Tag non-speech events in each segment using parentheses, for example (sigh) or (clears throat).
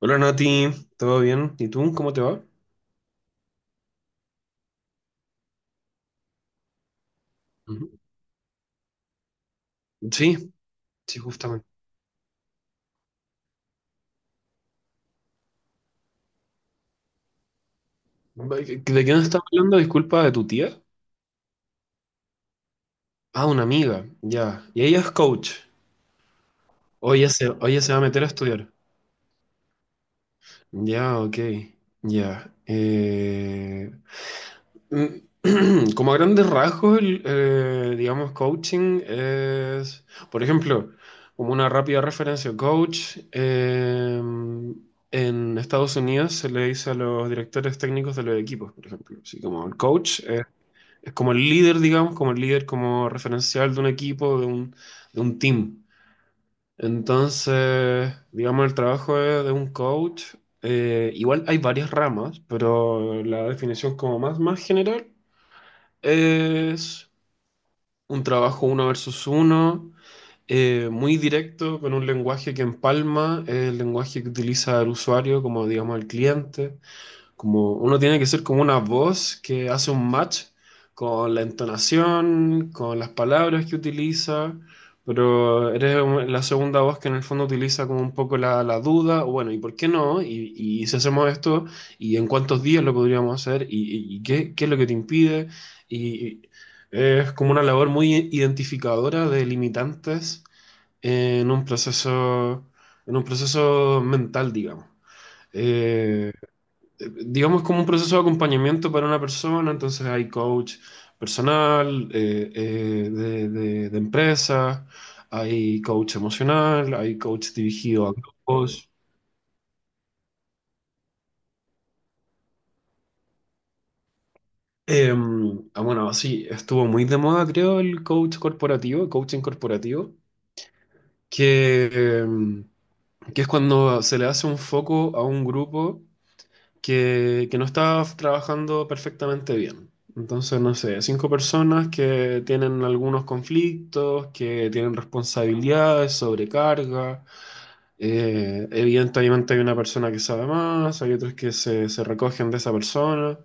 Hola Nati, ¿todo bien? ¿Y tú? ¿Cómo te va? Ujú. Sí, sí, justamente. ¿De qué nos estás hablando? Disculpa, ¿de tu tía? Ah, una amiga, ya. Y ella es coach. Hoy ella se, o ella se va a meter a estudiar. Ya, ok, ya. Mm, (clears throat) como a grandes rasgos, digamos, coaching es, por ejemplo, como una rápida referencia, en Estados Unidos se le dice a los directores técnicos de los equipos, por ejemplo, así como el coach, es como el líder, digamos, como el líder como referencial de un equipo, de un team. Entonces, digamos, el trabajo de un coach, igual hay varias ramas, pero la definición como más, más general. Es un trabajo uno versus uno, muy directo, con un lenguaje que empalma, el lenguaje que utiliza el usuario como, digamos, el cliente. Como uno tiene que ser como una voz que hace un match con la entonación, con las palabras que utiliza, pero eres la segunda voz que en el fondo utiliza como un poco la duda, o bueno, ¿y por qué no? Y si hacemos esto, ¿y en cuántos días lo podríamos hacer? ¿Y qué es lo que te impide? Y es como una labor muy identificadora de limitantes en un proceso, en un proceso mental, digamos. Eh, digamos, como un proceso de acompañamiento para una persona, entonces hay coach personal, de de empresa, hay coach emocional, hay coach dirigido a grupos. Eh, ah, bueno, sí, estuvo muy de moda, creo, el coach corporativo, el coaching corporativo, que, que es cuando se le hace un foco a un grupo que no está trabajando perfectamente bien. Entonces, no sé, cinco personas que tienen algunos conflictos, que tienen responsabilidades, sobrecarga. Evidentemente hay una persona que sabe más, hay otros que se recogen de esa persona.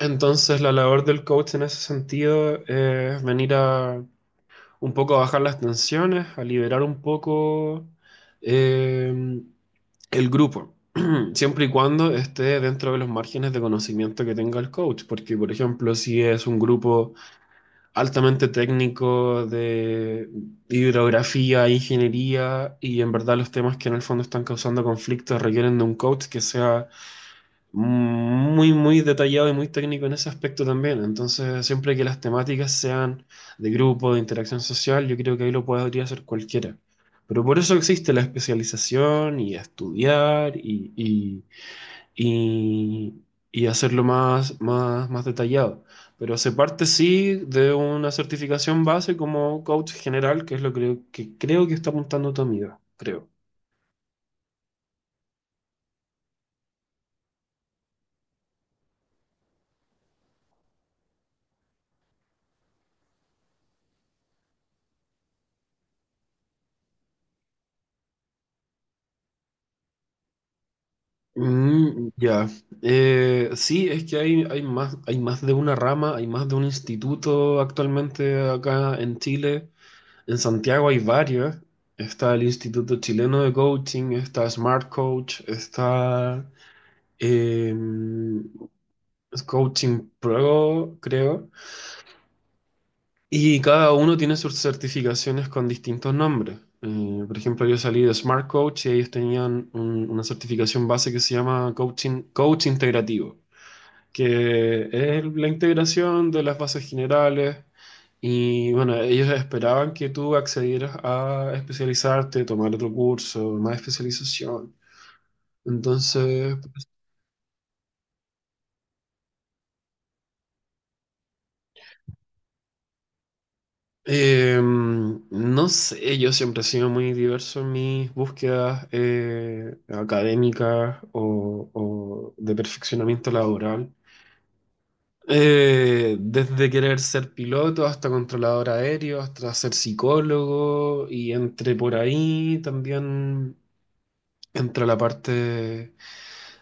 Entonces, la labor del coach en ese sentido es venir a un poco a bajar las tensiones, a liberar un poco eh, el grupo, (clears throat) siempre y cuando esté dentro de los márgenes de conocimiento que tenga el coach, porque por ejemplo, si es un grupo altamente técnico de hidrografía, ingeniería, y en verdad los temas que en el fondo están causando conflictos requieren de un coach que sea muy, muy detallado y muy técnico en ese aspecto también. Entonces, siempre que las temáticas sean de grupo, de interacción social, yo creo que ahí lo podría hacer cualquiera. Pero por eso existe la especialización y estudiar y, y, y- y hacerlo más, más, más detallado. Pero se parte sí de una certificación base como coach general, que es lo que creo que está apuntando tu amiga, creo. Mm, ya. Sí, es que hay más de una rama, hay más de un instituto actualmente acá en Chile. En Santiago hay varios. Está el Instituto Chileno de Coaching, está Smart Coach, está eh, Coaching Pro, creo. Y cada uno tiene sus certificaciones con distintos nombres. Por ejemplo, yo salí de Smart Coach y ellos tenían una certificación base que se llama Coaching, Coach Integrativo, que es la integración de las bases generales. Y bueno, ellos esperaban que tú accedieras a especializarte, tomar otro curso, más especialización. Entonces, no sé, yo siempre he sido muy diverso en mis búsquedas académicas o de perfeccionamiento laboral. Desde querer ser piloto hasta controlador aéreo, hasta ser psicólogo y entre por ahí también entra la parte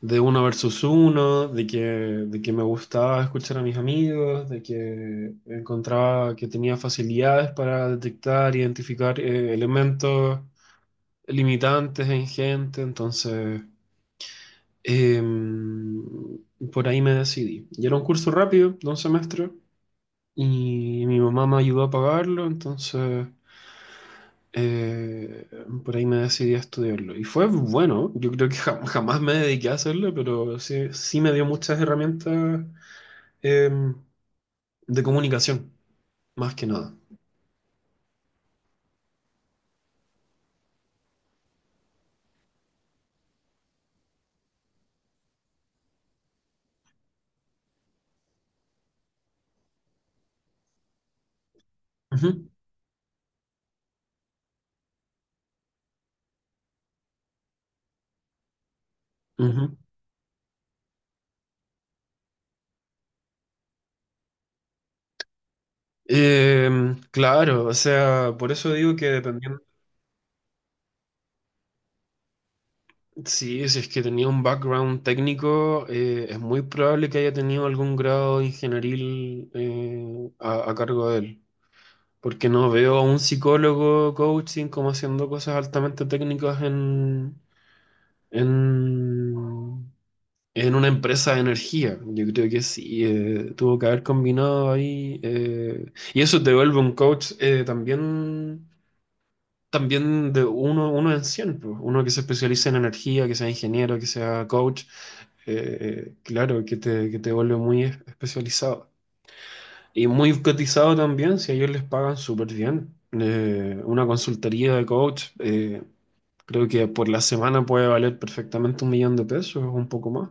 de uno versus uno, de que me gustaba escuchar a mis amigos, de que encontraba que tenía facilidades para detectar, identificar elementos limitantes en gente, entonces em, por ahí me decidí. Y era un curso rápido, de un semestre y mi mamá me ayudó a pagarlo, entonces eh, por ahí me decidí a estudiarlo. Y fue bueno, yo creo que (laughs) jamás me dediqué a hacerlo, pero sí, sí me dio muchas herramientas em, de comunicación, más que nada. Ujú, ujú. Claro, o sea, por eso digo que dependiendo, sí, si es que tenía un background técnico, es muy probable que haya tenido algún grado ingenieril eh, a cargo de él. Porque no veo a un psicólogo coaching como haciendo cosas altamente técnicas en, en una empresa de energía. Yo creo que sí, tuvo que haber combinado ahí. Y eso te vuelve un coach también de uno en cien, pues. Uno que se especialice en energía, que sea ingeniero, que sea coach. Claro, que te vuelve muy especializado. Y muy cotizado también, si a ellos les pagan súper bien. Una consultoría de coach, creo que por la semana puede valer perfectamente 1 millón de pesos o un poco más.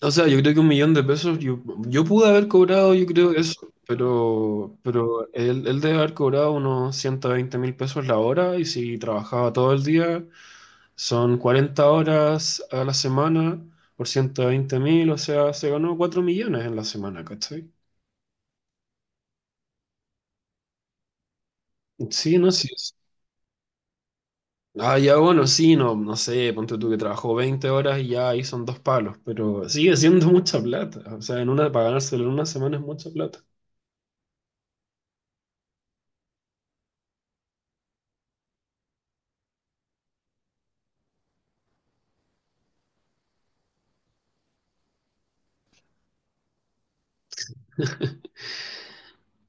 O sea, yo creo que 1 millón de pesos, yo, yo pude haber cobrado, yo creo eso, pero él debe haber cobrado unos 120.000 pesos la hora y si trabajaba todo el día, son 40 horas a la semana por 120.000, o sea, se ganó 4 millones en la semana, ¿cachai? Sí, no sé. Ah, ya bueno, sí, no, no sé, ponte tú que trabajó 20 horas y ya ahí son dos palos, pero sigue siendo mucha plata. O sea, en una, para ganárselo en una semana es mucha plata.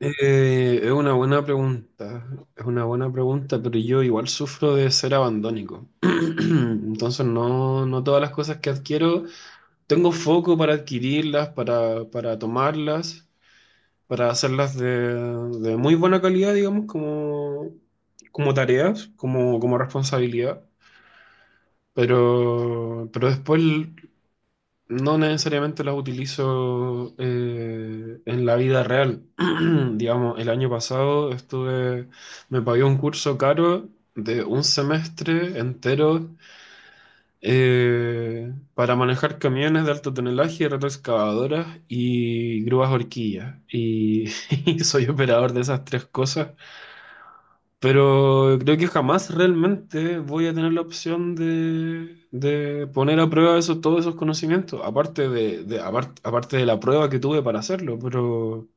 Es una buena pregunta, es una buena pregunta, pero yo igual sufro de ser abandónico. (clears throat) Entonces no, no todas las cosas que adquiero, tengo foco para adquirirlas, para tomarlas, para hacerlas de muy buena calidad, digamos, como, como tareas, como, como responsabilidad. Pero después no necesariamente las utilizo en la vida real. (clears throat) Digamos, el año pasado estuve, me pagué un curso caro de un semestre entero para manejar camiones de alto tonelaje, retroexcavadoras y grúas horquillas. Y, (laughs) y soy operador de esas tres cosas pero creo que jamás realmente voy a tener la opción de poner a prueba eso, todos esos conocimientos, aparte de aparte de la prueba que tuve para hacerlo,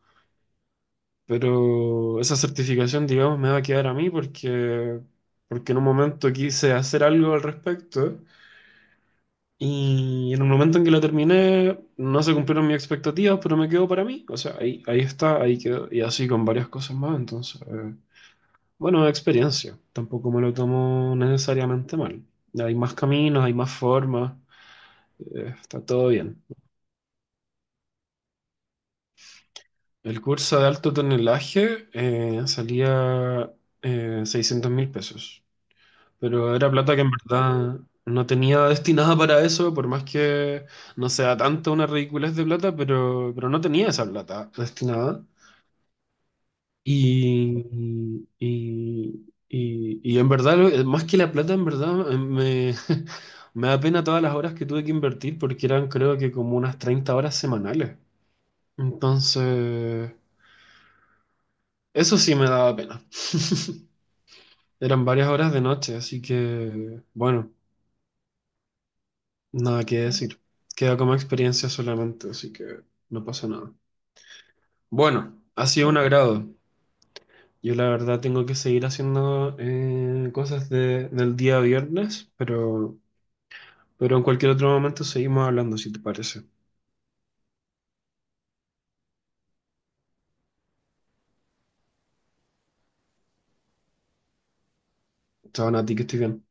pero esa certificación, digamos, me va a quedar a mí porque en un momento quise hacer algo al respecto y en un momento en que la terminé no se cumplieron mis expectativas, pero me quedó para mí, o sea, ahí, ahí está, ahí quedó, y así con varias cosas más, entonces... bueno, experiencia. Tampoco me lo tomo necesariamente mal. Hay más caminos, hay más formas. Está todo bien. El curso de alto tonelaje salía 600 mil pesos. Pero era plata que en verdad no tenía destinada para eso, por más que no sea tanta una ridiculez de plata, pero no tenía esa plata destinada. Y, y en verdad, más que la plata, en verdad, me, (laughs) me da pena todas las horas que tuve que invertir porque eran creo que como unas 30 horas semanales. Entonces, eso sí me daba pena. (laughs) Eran varias horas de noche, así que, bueno, nada que decir. Queda como experiencia solamente, así que no pasa nada. Bueno, ha sido un agrado. Yo la verdad tengo que seguir haciendo cosas del día viernes, pero en cualquier otro momento seguimos hablando, si te parece. Chao, Nati, que estoy bien.